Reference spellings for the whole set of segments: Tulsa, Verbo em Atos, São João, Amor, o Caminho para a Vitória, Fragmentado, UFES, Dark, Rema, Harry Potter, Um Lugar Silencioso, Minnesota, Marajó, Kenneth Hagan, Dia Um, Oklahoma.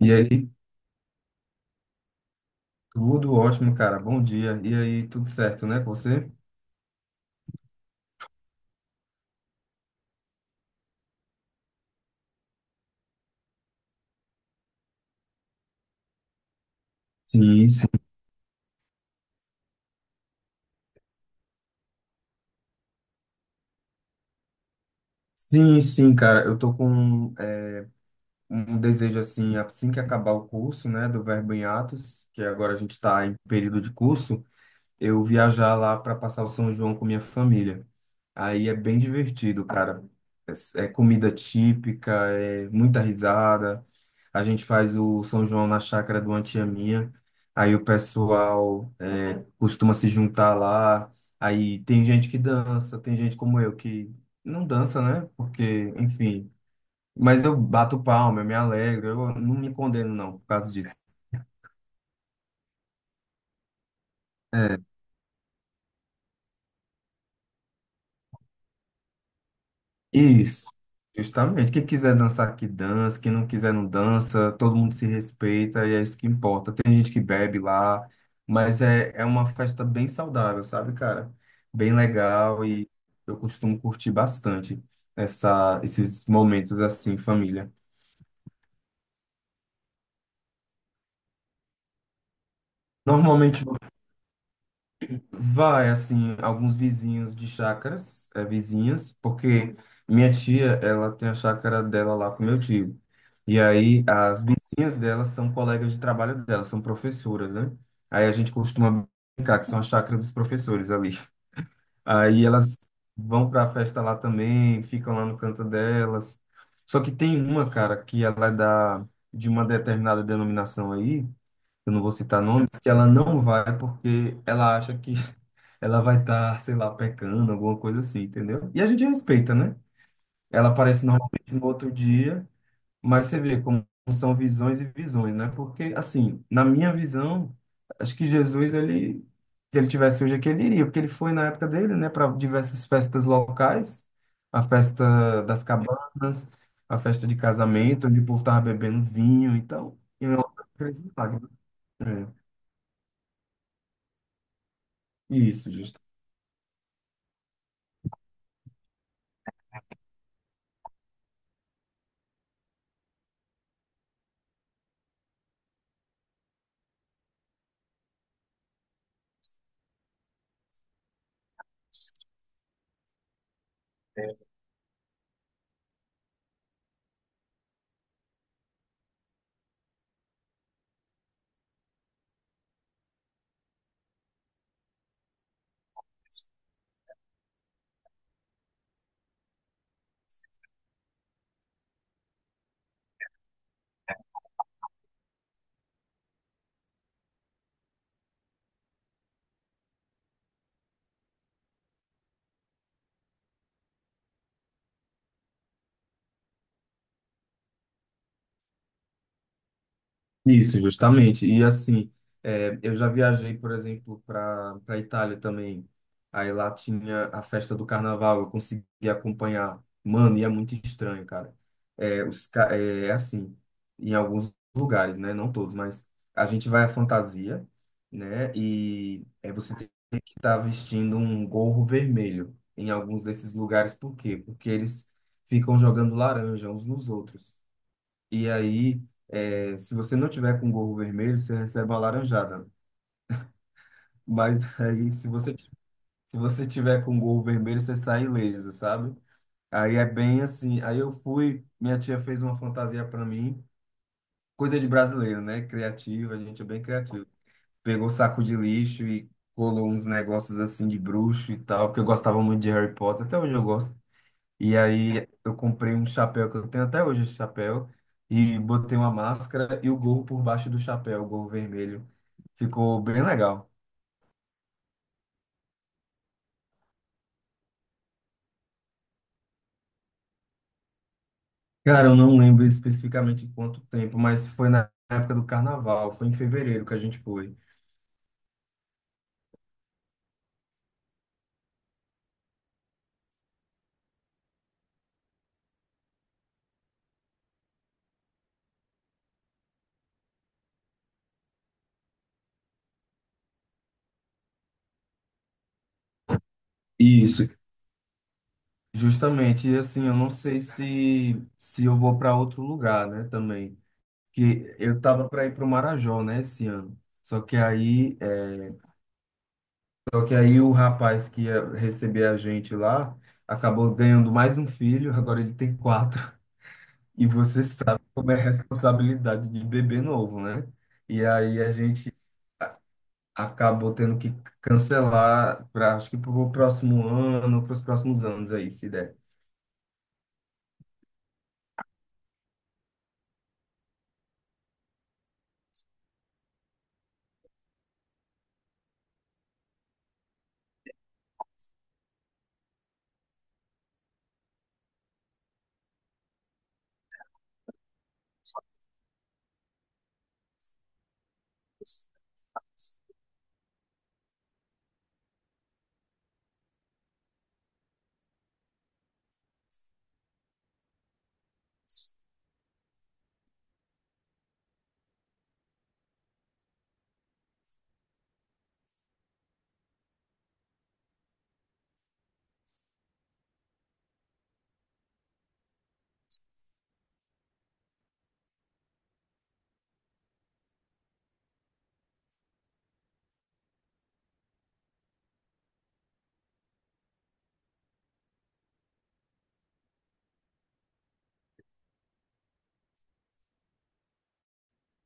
E aí, tudo ótimo, cara. Bom dia. E aí, tudo certo, né, com você? Sim, sim. Sim, sim, cara. Eu tô com um desejo, assim, assim que acabar o curso, né, do Verbo em Atos, que agora a gente tá em período de curso, eu viajar lá para passar o São João com minha família. Aí é bem divertido, cara. É, é comida típica, é muita risada. A gente faz o São João na chácara do uma tia minha. Aí o pessoal costuma se juntar lá. Aí tem gente que dança, tem gente como eu que não dança, né? Porque, enfim. Mas eu bato palma, eu me alegro, eu não me condeno, não, por causa disso. É, isso, justamente. Quem quiser dançar, que dança. Quem não quiser, não dança. Todo mundo se respeita e é isso que importa. Tem gente que bebe lá, mas é, é uma festa bem saudável, sabe, cara? Bem legal e eu costumo curtir bastante essa, esses momentos assim, família. Normalmente vai, assim, alguns vizinhos de chácaras, é, vizinhas, porque minha tia, ela tem a chácara dela lá com meu tio. E aí, as vizinhas dela são colegas de trabalho dela, são professoras, né? Aí a gente costuma brincar que são a chácara dos professores ali. Aí elas vão pra festa lá também, ficam lá no canto delas. Só que tem uma, cara, que ela é da, de uma determinada denominação aí, eu não vou citar nomes, que ela não vai porque ela acha que ela vai estar, sei lá, pecando, alguma coisa assim, entendeu? E a gente respeita, né? Ela aparece normalmente no outro dia, mas você vê como são visões e visões, né? Porque, assim, na minha visão, acho que Jesus, ele, se ele tivesse hoje aqui, ele iria, porque ele foi na época dele, né, para diversas festas locais, a festa das cabanas, a festa de casamento, onde o povo tava bebendo vinho, então, eu acredito. Né? É, Isso, justamente. E assim, é, eu já viajei, por exemplo, para para Itália também. Aí lá tinha a festa do carnaval, eu consegui acompanhar. Mano, e é muito estranho, cara. É, os, ca- é, é assim, em alguns lugares, né? Não todos, mas a gente vai à fantasia, né? E é, você tem que estar vestindo um gorro vermelho em alguns desses lugares. Por quê? Porque eles ficam jogando laranja uns nos outros. E aí, é, se você não tiver com gorro vermelho, você recebe uma laranjada. Mas aí, se você tiver com gorro vermelho, você sai ileso, sabe? Aí é bem assim. Aí eu fui, minha tia fez uma fantasia para mim, coisa de brasileiro, né? Criativo, a gente é bem criativo. Pegou saco de lixo e colou uns negócios assim de bruxo e tal, porque eu gostava muito de Harry Potter, até hoje eu gosto. E aí eu comprei um chapéu que eu tenho até hoje esse chapéu e botei uma máscara e o gorro por baixo do chapéu, o gorro vermelho. Ficou bem legal. Cara, eu não lembro especificamente quanto tempo, mas foi na época do carnaval, foi em fevereiro que a gente foi. Isso. Justamente, e assim, eu não sei se eu vou para outro lugar, né, também. Que eu tava para ir para o Marajó, né, esse ano. Só que aí Só que aí o rapaz que ia receber a gente lá acabou ganhando mais um filho, agora ele tem quatro. E você sabe como é a responsabilidade de bebê novo, né? E aí a gente acabou tendo que cancelar, pra, acho que para o próximo ano, para os próximos anos aí, se der.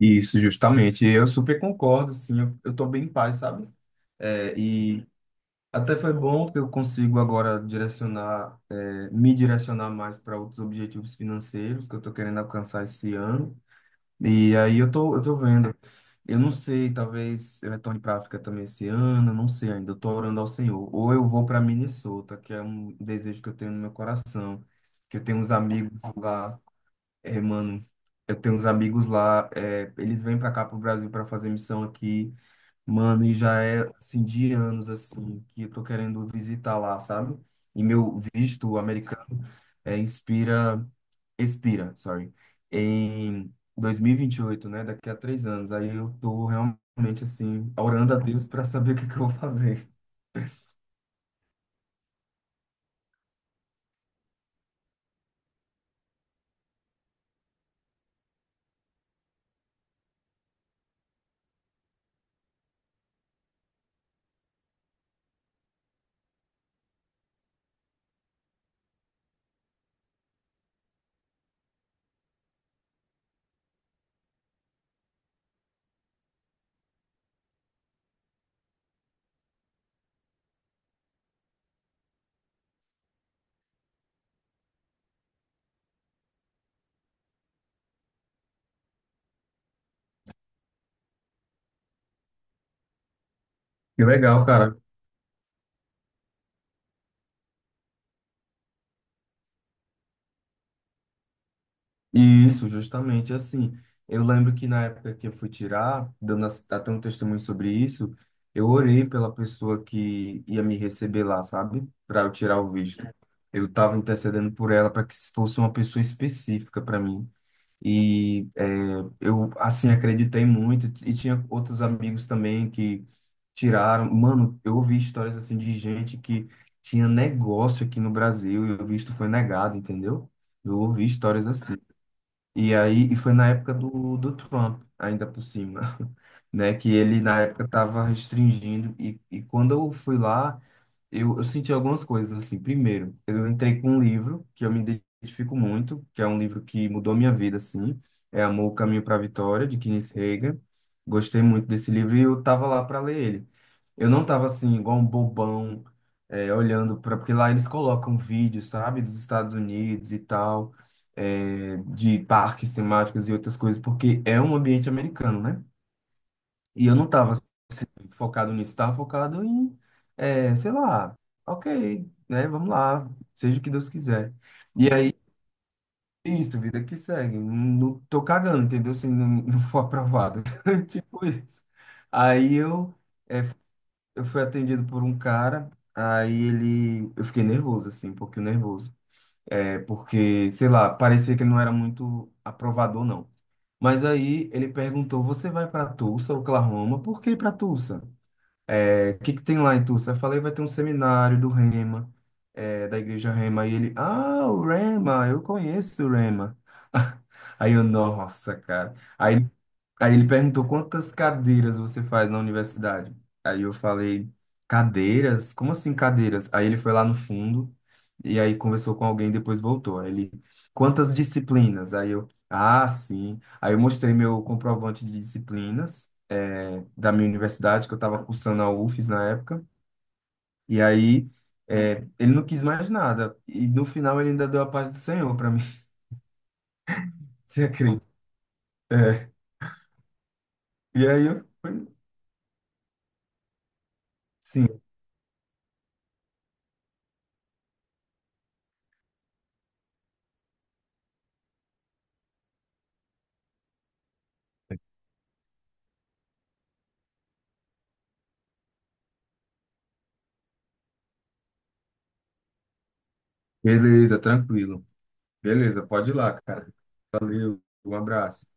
Isso, justamente. Eu super concordo, sim. Eu tô bem em paz, sabe? É, e até foi bom, porque eu consigo agora direcionar, me direcionar mais para outros objetivos financeiros que eu estou querendo alcançar esse ano. E aí eu tô vendo. Eu não sei, talvez eu retorne para África também esse ano, eu não sei ainda. Eu tô orando ao Senhor. Ou eu vou para Minnesota, que é um desejo que eu tenho no meu coração, que eu tenho uns amigos lá, mano. Eu tenho uns amigos lá, eles vêm para cá para o Brasil para fazer missão aqui. Mano, e já é assim de anos assim que eu tô querendo visitar lá, sabe? E meu visto americano é, inspira, expira, sorry, em 2028, né? Daqui a três anos. Aí eu tô realmente assim orando a Deus para saber o que que eu vou fazer. Que legal, cara. Isso, justamente assim. Eu lembro que na época que eu fui tirar, dando as- até um testemunho sobre isso, eu orei pela pessoa que ia me receber lá, sabe? Para eu tirar o visto. Eu estava intercedendo por ela para que fosse uma pessoa específica para mim. E é, eu, assim, acreditei muito. E tinha outros amigos também que tiraram. Mano, eu ouvi histórias assim de gente que tinha negócio aqui no Brasil e o visto foi negado, entendeu? Eu ouvi histórias assim. E aí, e foi na época do Trump, ainda por cima, né? Que ele, na época, estava restringindo. E quando eu fui lá, eu senti algumas coisas, assim. Primeiro, eu entrei com um livro que eu me identifico muito, que é um livro que mudou minha vida, assim. É Amor, o Caminho para a Vitória, de Kenneth Hagan. Gostei muito desse livro e eu tava lá para ler ele. Eu não tava, assim, igual um bobão, olhando para... Porque lá eles colocam vídeos, sabe? Dos Estados Unidos e tal é, de parques temáticos e outras coisas, porque é um ambiente americano, né? E eu não estava focado nisso, estava focado em, é, sei lá, ok, né? Vamos lá, seja o que Deus quiser. E aí, isso, vida que segue. Não, não tô cagando, entendeu? Se não, não for aprovado. Tipo isso. Aí eu, é, eu fui atendido por um cara, aí ele. Eu fiquei nervoso, assim, um pouquinho nervoso. É, porque, sei lá, parecia que ele não era muito aprovador, não. Mas aí ele perguntou: Você vai para Tulsa, Oklahoma? Por que para Tulsa? É, o que que tem lá em Tulsa? Eu falei, vai ter um seminário do Rema, é, da igreja Rema. E ele, ah, o Rema, eu conheço o Rema. Aí eu, nossa, cara. Aí ele perguntou, quantas cadeiras você faz na universidade? Aí eu falei, cadeiras? Como assim cadeiras? Aí ele foi lá no fundo e aí conversou com alguém, depois voltou. Aí ele, quantas disciplinas? Aí eu, ah, sim. Aí eu mostrei meu comprovante de disciplinas é, da minha universidade, que eu estava cursando a UFES na época. E aí, é, ele não quis mais nada. E no final, ele ainda deu a paz do Senhor para mim. Você acredita? É. E aí, eu fui, sim, beleza, tranquilo. Beleza, pode ir lá, cara. Valeu, um abraço.